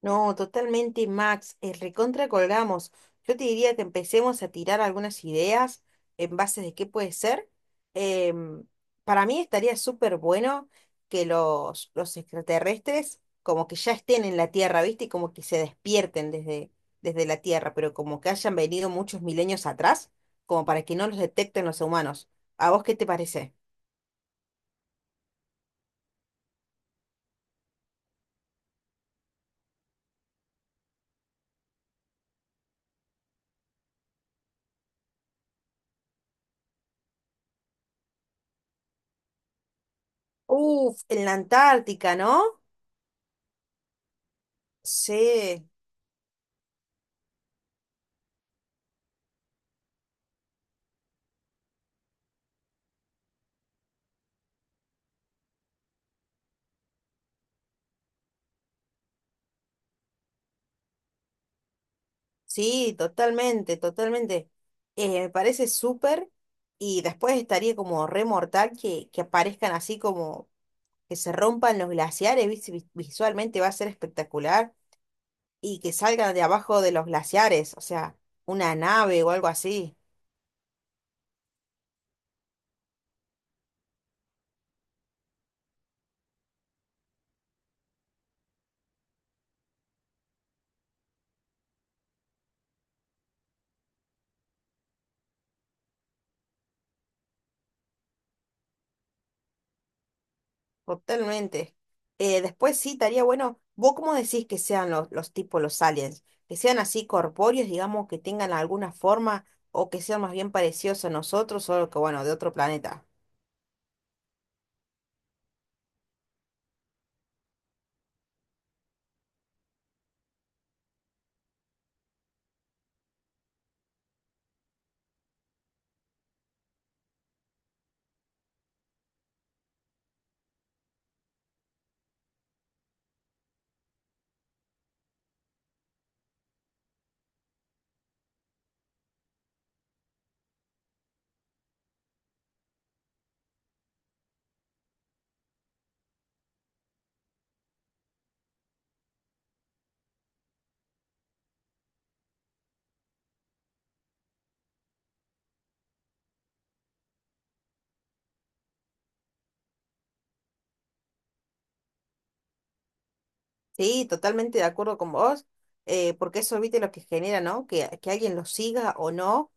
No, totalmente, Max. Recontra colgamos. Yo te diría que empecemos a tirar algunas ideas en base de qué puede ser. Em, para mí estaría súper bueno que los extraterrestres como que ya estén en la Tierra, ¿viste? Y como que se despierten desde la Tierra, pero como que hayan venido muchos milenios atrás, como para que no los detecten los humanos. ¿A vos qué te parece? Uf, en la Antártica, ¿no? Sí. Sí, totalmente, totalmente. Me parece súper y después estaría como re mortal que aparezcan así como que se rompan los glaciares, ¿viste? Visualmente va a ser espectacular y que salgan de abajo de los glaciares, o sea, una nave o algo así, totalmente. Después sí, estaría bueno, ¿vos cómo decís que sean los tipos, los aliens? Que sean así corpóreos, digamos, que tengan alguna forma o que sean más bien parecidos a nosotros, solo que bueno, de otro planeta. Sí, totalmente de acuerdo con vos, porque eso, viste, lo que genera, ¿no? Que alguien lo siga o no,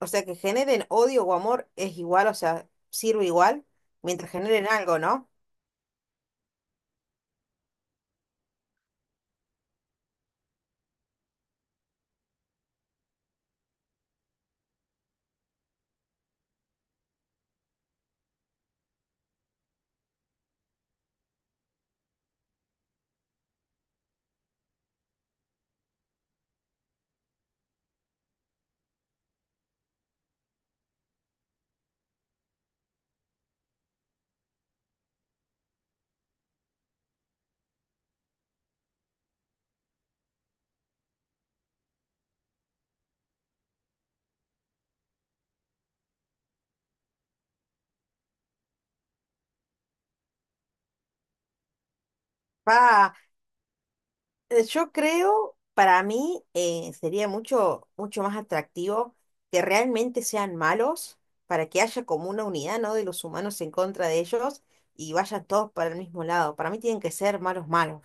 o sea, que generen odio o amor es igual, o sea, sirve igual, mientras generen algo, ¿no? Pa, yo creo, para mí, sería mucho, mucho más atractivo que realmente sean malos, para que haya como una unidad, ¿no? De los humanos en contra de ellos y vayan todos para el mismo lado. Para mí tienen que ser malos malos.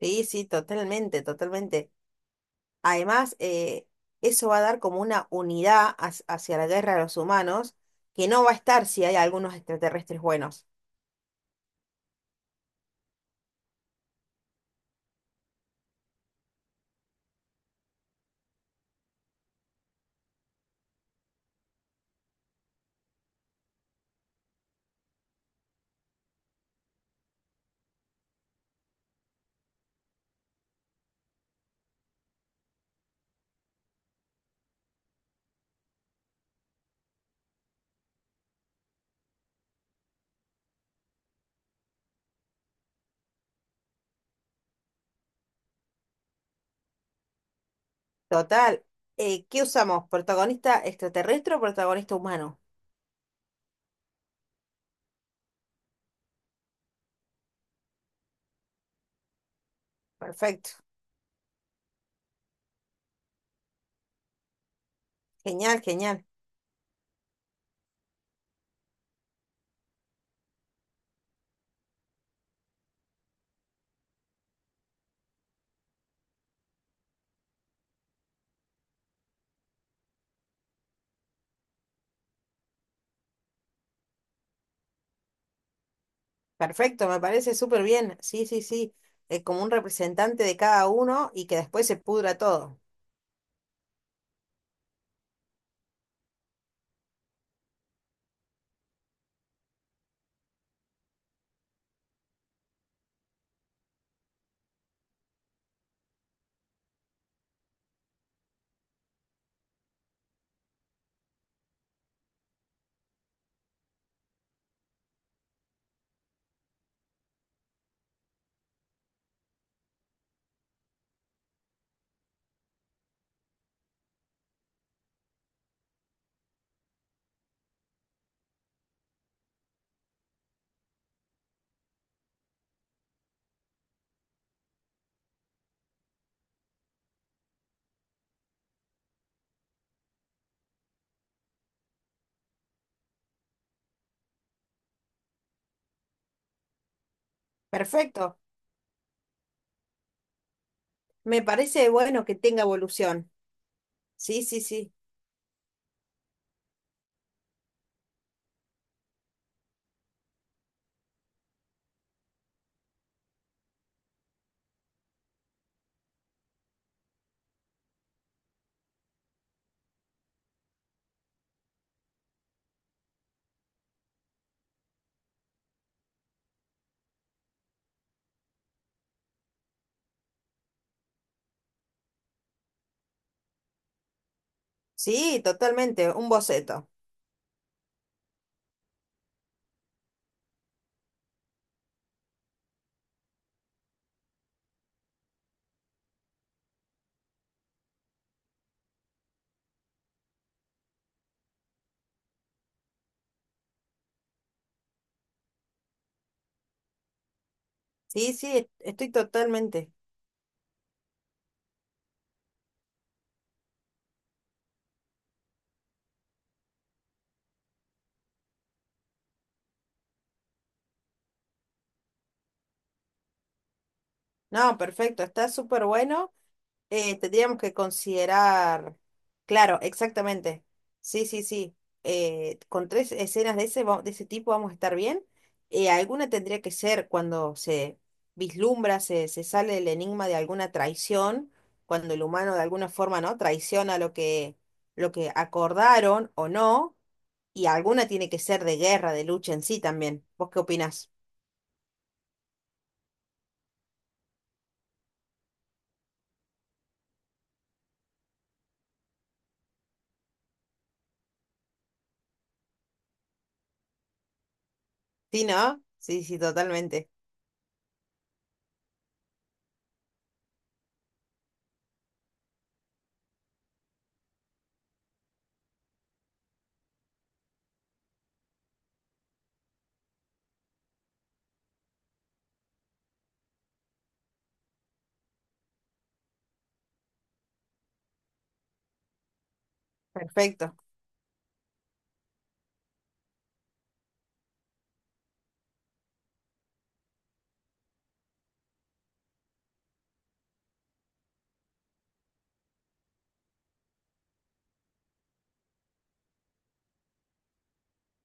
Sí, sí, totalmente, totalmente. Además, eso va a dar como una unidad hacia la guerra de los humanos, que no va a estar si hay algunos extraterrestres buenos. Total, ¿qué usamos? ¿Protagonista extraterrestre o protagonista humano? Perfecto, genial, genial. Perfecto, me parece súper bien. Sí, sí, sí. Como un representante de cada uno y que después se pudra todo. Perfecto, me parece bueno que tenga evolución. Sí, sí, sí. Sí, totalmente, un boceto. Sí, sí, estoy totalmente. No, perfecto, está súper bueno. Tendríamos que considerar, claro, exactamente. Sí, sí, sí. Con tres escenas de ese, de ese tipo vamos a estar bien. Alguna tendría que ser cuando se vislumbra, se sale el enigma de alguna traición, cuando el humano de alguna forma, ¿no? Traiciona lo que acordaron o no, y alguna tiene que ser de guerra, de lucha en sí también. ¿Vos qué opinás? Sí, ¿no? Sí, sí, totalmente. Perfecto.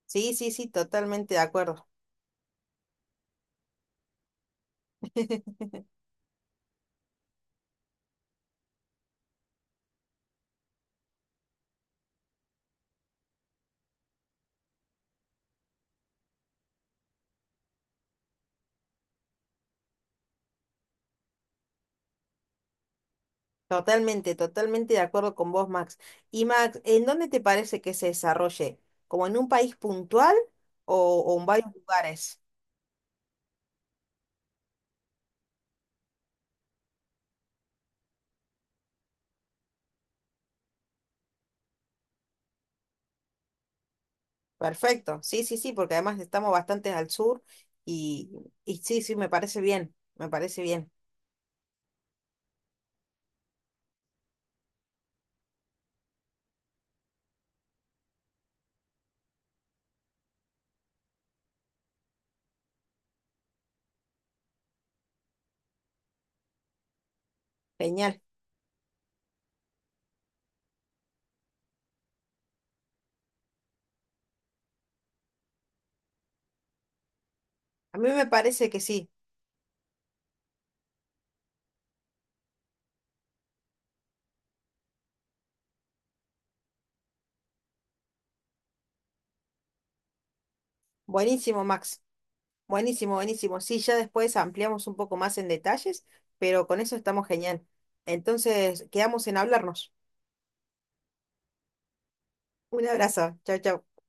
Sí, sí, sí, totalmente de acuerdo. Totalmente, totalmente de acuerdo con vos, Max. Y Max, ¿en dónde te parece que se desarrolle? ¿Como en un país puntual o en varios lugares? Perfecto. Sí, sí, sí, porque además estamos bastante al sur y, y sí, sí, me parece bien, me parece bien. Genial. A mí me parece que sí. Buenísimo, Max. Buenísimo, buenísimo. Sí, ya después ampliamos un poco más en detalles, pero con eso estamos genial. Entonces, quedamos en hablarnos. Un abrazo. Chao, chao.